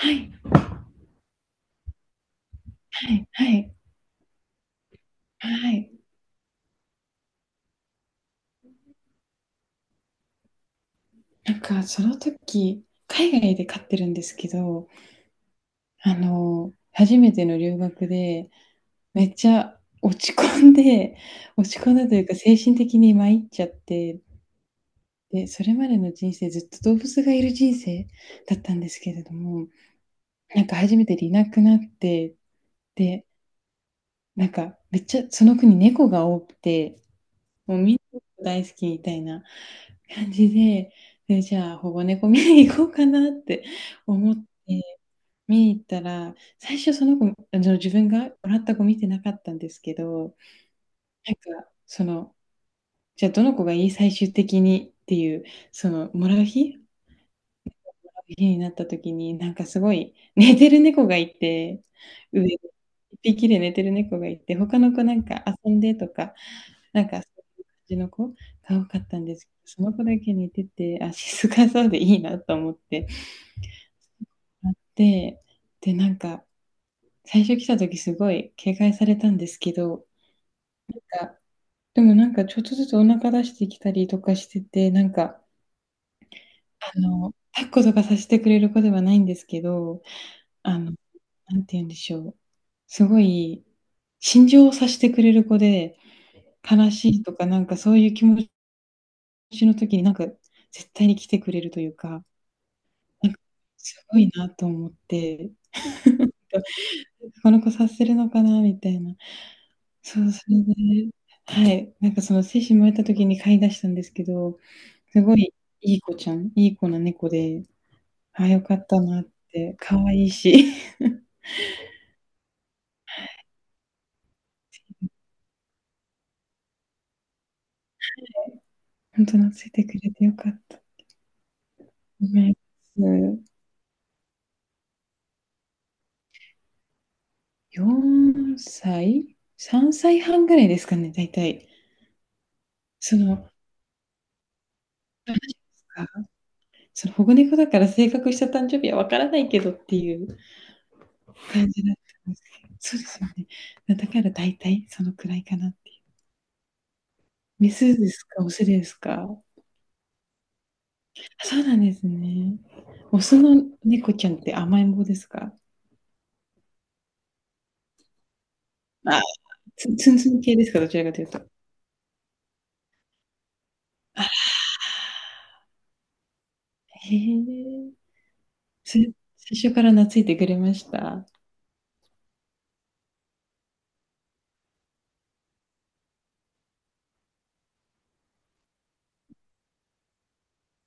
はい、はい、はい、はい。なんかその時、海外で飼ってるんですけど、初めての留学で、めっちゃ落ち込んで、落ち込んだというか精神的に参っちゃって、で、それまでの人生ずっと動物がいる人生だったんですけれども、なんか初めていなくなって、で、なんかめっちゃその国猫が多くて、もうみんな大好きみたいな感じで、で、じゃあ保護猫見に行こうかなって思って、見に行ったら、最初その子、自分がもらった子見てなかったんですけど、なんかその、じゃあどの子がいい最終的にっていう、そのもらう日になった時に、なんかすごい寝てる猫がいて、上で、1匹で寝てる猫がいて、他の子なんか遊んでとかなんか、そういう感じの子が多かったんですけど、その子だけ似てて、あ、静かそうでいいなと思ってあって、で、なんか、最初来た時すごい警戒されたんですけど、がでもなんかちょっとずつお腹出してきたりとかしてて、なんか、抱っことかさせてくれる子ではないんですけど、あの、なんて言うんでしょう、すごい心情を察してくれる子で、悲しいとか、なんかそういう気持ちの時に、なんか絶対に来てくれるというかなんかすごいなと思って、この子させ察するのかなみたいな。そう、それではい、なんかその精子生まれた時に飼い出したんですけど、すごいいい子ちゃん、いい子な猫で、ああ、よかったなって、可愛いし、本当と懐いてくれてよかったと思います。4歳、3歳半ぐらいですかね、大体。その、どうなんですか、その保護猫だから正確した誕生日はわからないけどっていう感じだったんですけど、そうですよね。だから大体そのくらいかなって。メスですか、オスですか。あ、そうなんですね。オスの猫ちゃんって甘えん坊ですか？あ、ツンツンツン系ですか、どちらかというと。あ、へえ。それ最初から懐いてくれました。は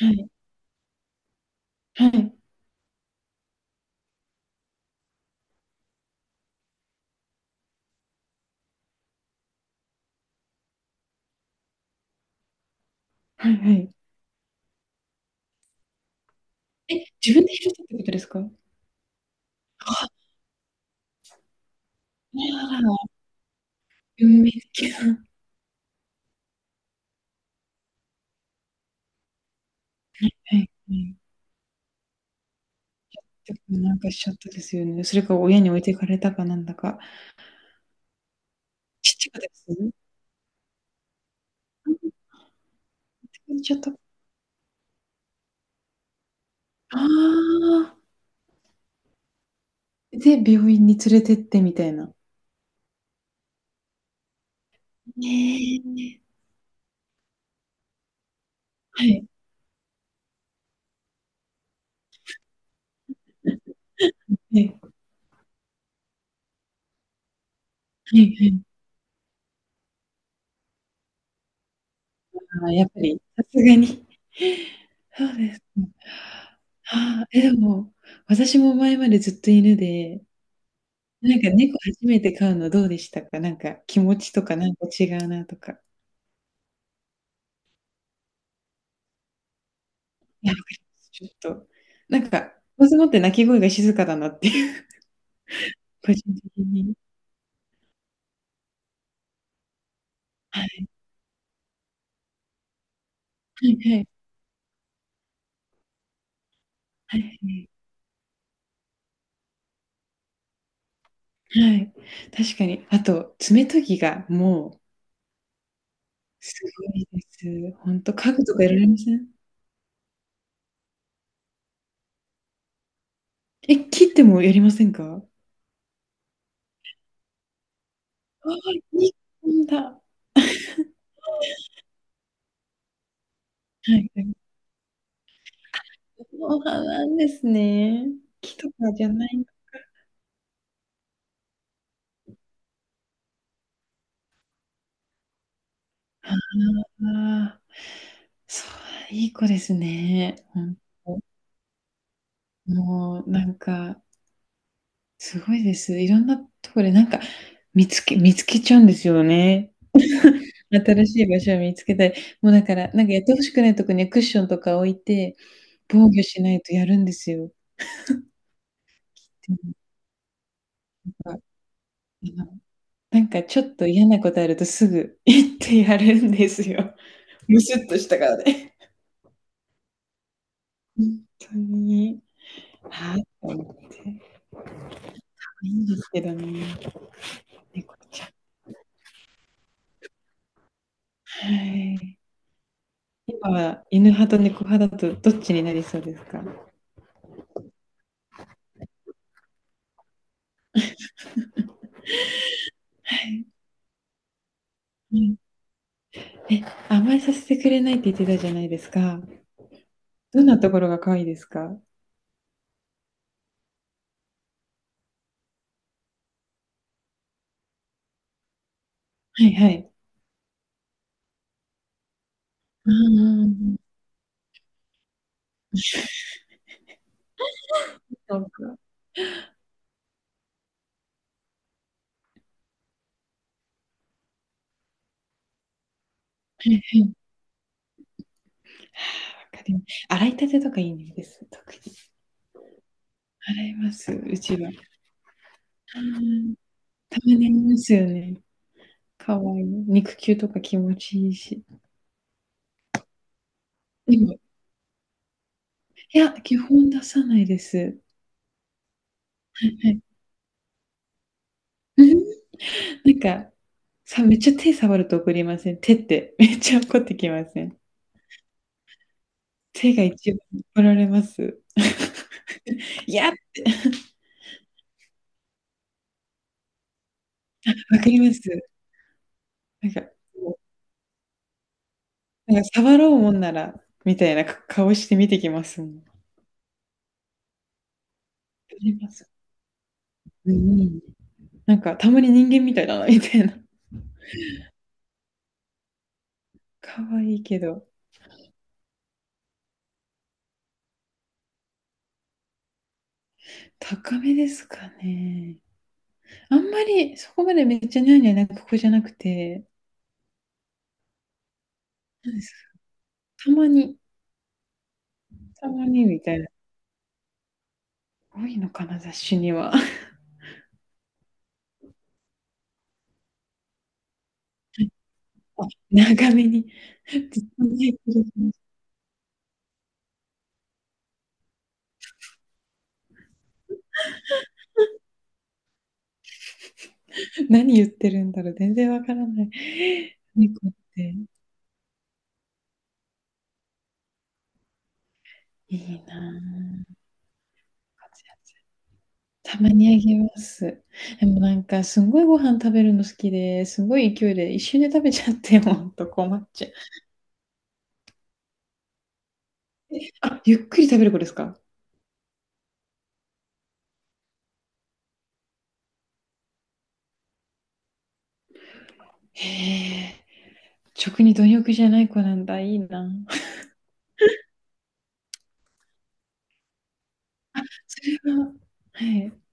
い、はい、はい、はい。え、自分で拾ったってことですか？あら、運命的な。はい、はい。でもなんかしちゃったですよね。それか親に置いてかれたかなんだか。父がですね。言っちゃった。ああ。で、病院に連れてってみたいな。ねえ。はい。はい。はいはい。ああ、やっぱり、さすがに。そうですね。はあ、え、でも、私も前までずっと犬で、なんか猫初めて飼うのどうでしたか？なんか気持ちとかなんか違うなとか。いや、わかります。ちょっと、なんか、ものすごって鳴き声が静かだなっていう、個人的に。はい。はいはい。はいはい。はい、確かに。あと、爪研ぎがもうすごいです。ほんと、家具とかやられません？え、切ってもやりませんか？ああ、日本だ。はい、はそうなんですね。木とかじゃないん？ああ。そう、いい子ですね。ほんと。もうなんか、すごいです。いろんなとこでなんか、見つけちゃうんですよね。新しい場所を見つけたい。もうだから、なんかやって欲しくないとこにはクッションとか置いて、防御しないとやるんですよ。でもなんか、あのなんかちょっと嫌なことあるとすぐ行ってやるんですよ。ムスッとした顔で。ほんとに、はあと思って。いいんですけどね、猫ちゃん。はい。今は犬派と猫派だとどっちになりそうですか？はい。うん。え、甘えさせてくれないって言ってたじゃないですか。どんなところが可愛いですか？はいはい。ああ、なんか。はいはい。わかります。洗いたてとかいいです、特に。洗います、うちは。あ、たまにあますよね。可愛いい。肉球とか気持ちいいし。でも、いや、基本出さないです。はいはい。うん、なんか、さ、めっちゃ手触ると怒りません？手って、めっちゃ怒ってきません？手が一番怒られます。いやって。わかります。なんかなんか触ろうもんなら、みたいな顔して見てきますもん。うん、なんかたまに人間みたいだなみたいな。可愛いけど、高めですかね。あんまりそこまでめっちゃニャーニャー泣ここじゃなくて、なんですか。たまに、たまにみたいな。多いのかな、雑誌には。長めに 何言ってるんだろう、全然わからない。猫っていいなぁ。たまにあげます。でもなんか、すんごいご飯食べるの好きで、すごい勢いで一瞬で食べちゃって、ほんと困っちゃう。あ、ゆっくり食べる子ですか？へえ、食に貪欲じゃない子なんだ、いいな。それは、はい。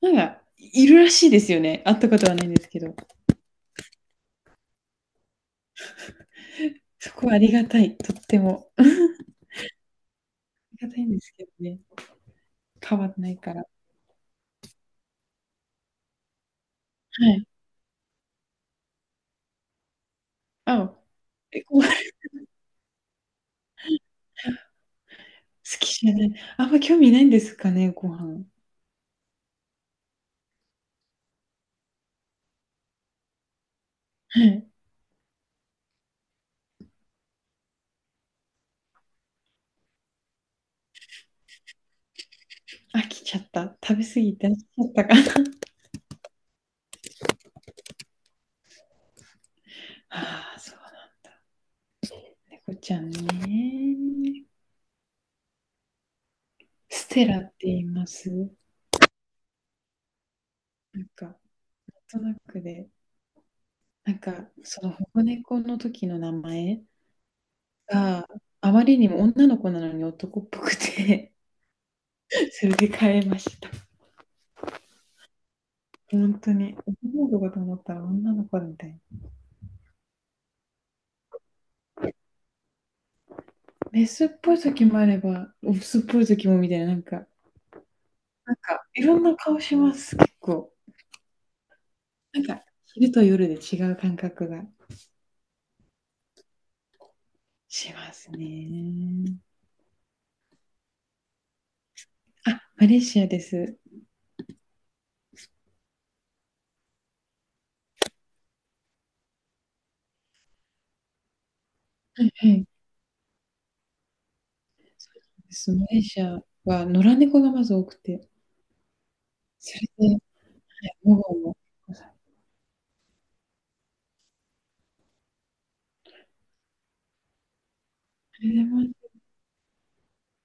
なんか、いるらしいですよね。会ったことはないんですけど。そこはありがたい、とっても。ありがたいんですけどね。変わんないから。はい。あ、え、ご飯好きじゃない。あんま興味ないんですかね、ご飯。はい。飽きちゃった。食べ過ぎて飽きちゃったかな。ああ、そうなんだ。猫ちゃんね。ステラって言います。なんか、なんとなくで、なんか、その保護猫の時の名前があまりにも女の子なのに男っぽくて それで変えました。本当に、男の子かと思ったら女の子みたいな。メスっぽい時もあれば、オスっぽい時もみたいな、なんか、なんか、いろんな顔します、結構。なんか、昼と夜で違う感覚が。しますね。あ、マレーシアです。はいはい。そうです。マレーシアは野良猫がまず多くて、それで保護も。ありがとうございます